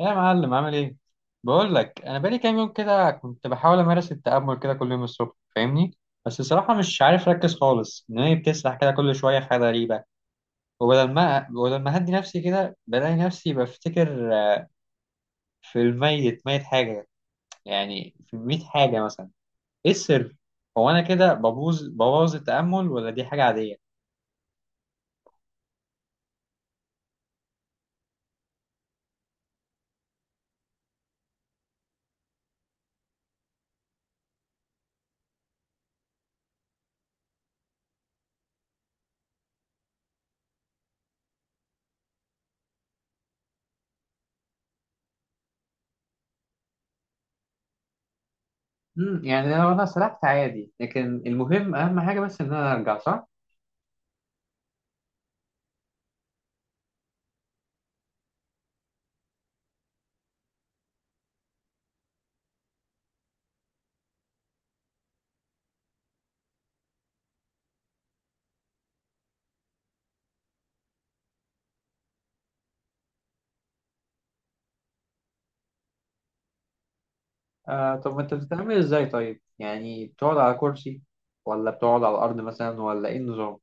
يا معلم، عامل ايه؟ بقول لك انا بقالي كام يوم كده كنت بحاول امارس التأمل كده كل يوم الصبح، فاهمني؟ بس الصراحة مش عارف اركز خالص، دماغي بتسرح كده كل شوية في حاجة غريبة. وبدل ما بدل ما اهدي نفسي كده بلاقي نفسي بفتكر في الميت ميت حاجة، يعني في 100 حاجة مثلا. ايه السر؟ هو انا كده ببوظ التأمل ولا دي حاجة عادية؟ يعني لو انا سرحت عادي، لكن المهم، اهم حاجه بس ان انا ارجع صح. آه طب، انت بتتعامل ازاي؟ طيب يعني بتقعد على كرسي ولا بتقعد على الارض مثلا، ولا ايه النظام؟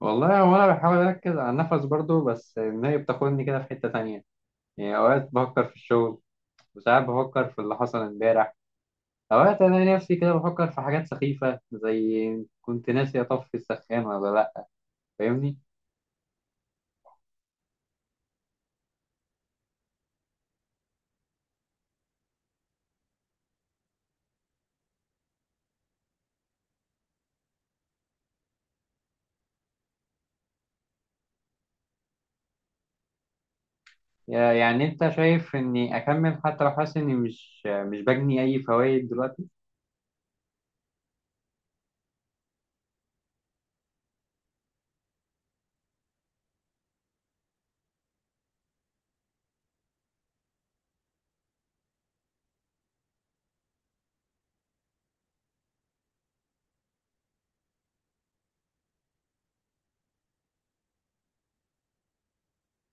والله هو انا بحاول اركز على النفس برضو، بس النهاية بتاخدني كده في حتة تانية. يعني اوقات بفكر في الشغل، وساعات بفكر في اللي حصل امبارح. اوقات انا نفسي كده بفكر في حاجات سخيفة زي كنت ناسي اطفي السخان ولا لا. فاهمني؟ يعني انت شايف اني اكمل حتى لو حاسس اني مش بجني اي فوائد دلوقتي؟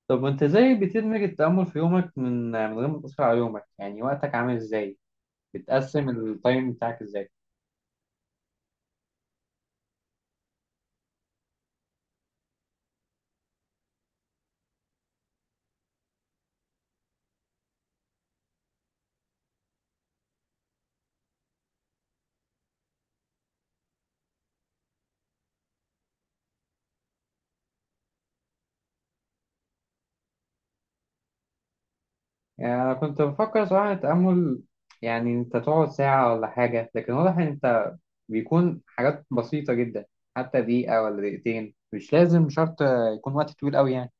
طب وانت ازاي بتدمج التأمل في يومك من غير ما تأثر على يومك؟ يعني وقتك عامل ازاي؟ بتقسم التايم بتاعك ازاي؟ يعني انا كنت بفكر صراحة التأمل يعني انت تقعد ساعة ولا حاجة، لكن واضح ان انت بيكون حاجات بسيطة جدا، حتى دقيقة ولا دقيقتين، مش لازم شرط يكون وقت طويل قوي يعني.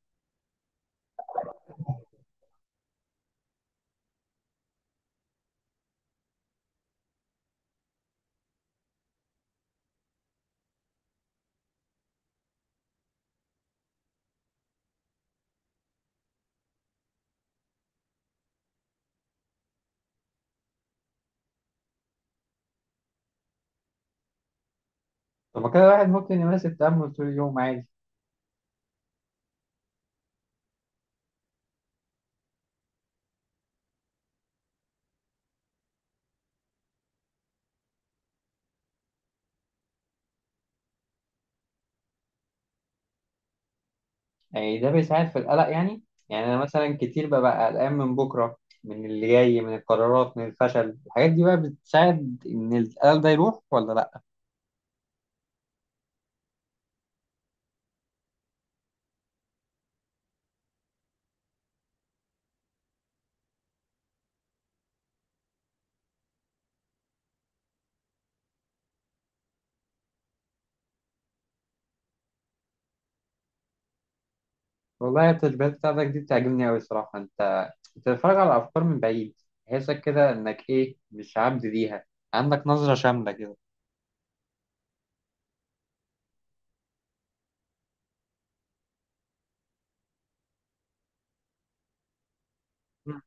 طب ما كده الواحد ممكن يمارس التأمل طول اليوم عادي؟ يعني ده بيساعد في القلق يعني؟ يعني انا مثلا كتير ببقى قلقان من بكره، من اللي جاي، من القرارات، من الفشل. الحاجات دي بقى بتساعد ان القلق ده يروح ولا لا؟ والله التشبيهات بتاعتك دي بتعجبني قوي الصراحه. انت بتتفرج على الافكار من بعيد، تحسك كده انك ايه، مش عبد ليها. عندك نظره شامله كده. مم.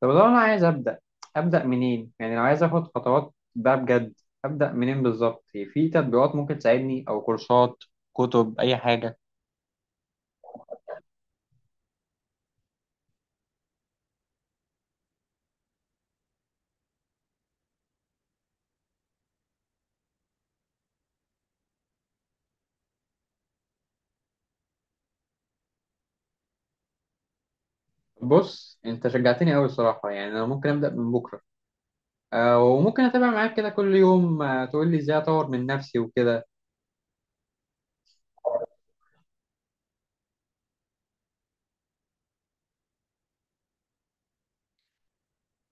طب لو انا عايز ابدا، ابدا منين؟ يعني لو عايز اخد خطوات بقى بجد، ابدا منين بالظبط؟ في تطبيقات ممكن تساعدني او كورسات، كتب، اي حاجه؟ بص انت شجعتني قوي الصراحه، يعني انا ممكن ابدا من بكره. وممكن اتابع معاك كده كل يوم، تقول لي ازاي اطور من نفسي وكده.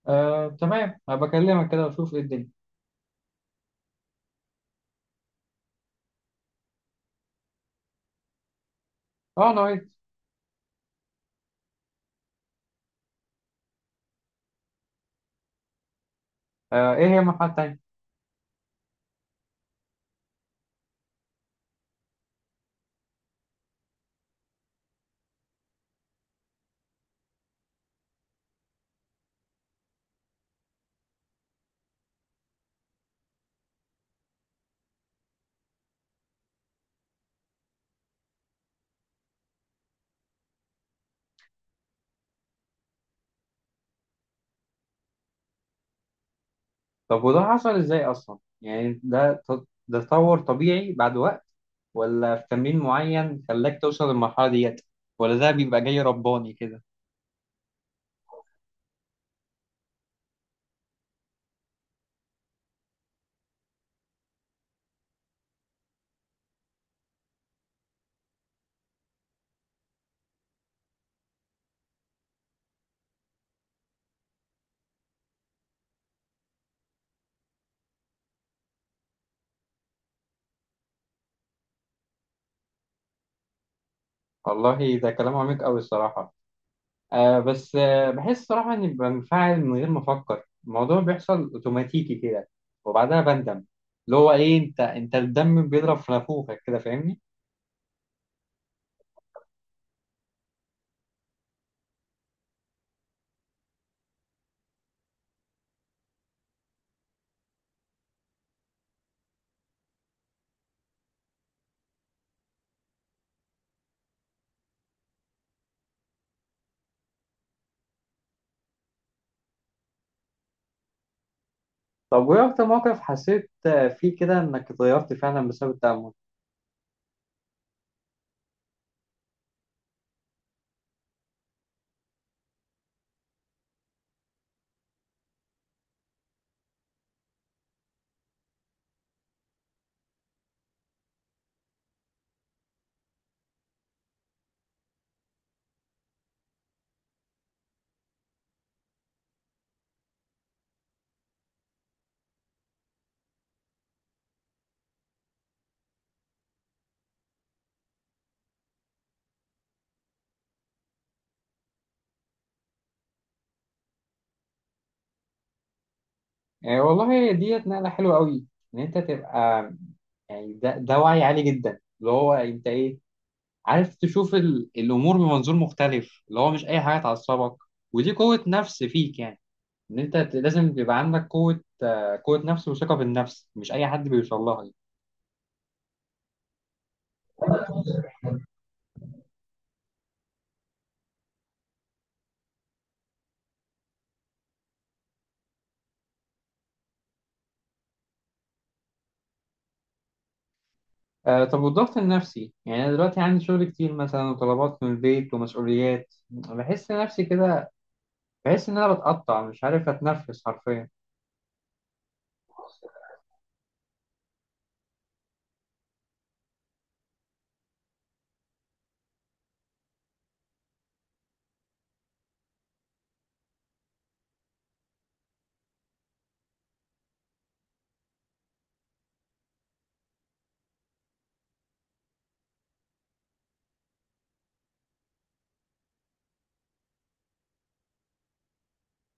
آه، تمام، هبقى اكلمك كده واشوف ايه الدنيا. اه، انا وإنت. آه، ايه هي المرحله التانيه؟ طب وده حصل ازاي اصلا؟ يعني ده تطور طبيعي بعد وقت، ولا في تمرين معين خلاك توصل للمرحله ديت، ولا ده بيبقى جاي رباني كده؟ والله ده كلام عميق قوي الصراحه. آه بس بحس صراحة إني بنفعل من غير ما أفكر، الموضوع بيحصل أوتوماتيكي كده وبعدها بندم. اللي هو إيه، أنت الدم بيضرب في نافوخك كده، فاهمني؟ طب وإيه أكتر موقف حسيت فيه كده إنك اتغيرت فعلا بسبب التأمل؟ يعني والله ديت نقلة حلوة أوي. إن أنت تبقى، يعني ده وعي عالي جدا، اللي هو أنت إيه، عارف تشوف الأمور بمنظور مختلف، اللي هو مش أي حاجة تعصبك. ودي قوة نفس فيك يعني. إن أنت لازم يبقى عندك قوة، قوة نفس وثقة في النفس، مش أي حد بيوصل لها دي. آه طب، والضغط النفسي؟ يعني أنا دلوقتي عندي شغل كتير مثلا، وطلبات من البيت ومسؤوليات، بحس نفسي كده، بحس إن أنا بتقطع، مش عارف أتنفس حرفيا.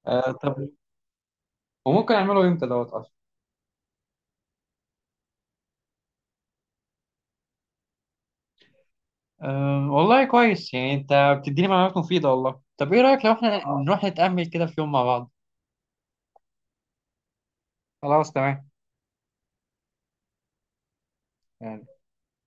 آه طب، وممكن أعمله إمتى دوت أصلا؟ أه والله كويس، يعني أنت بتديني معلومات مفيدة والله. طب إيه رأيك لو إحنا نروح نتأمل كده في يوم مع بعض؟ خلاص، تمام.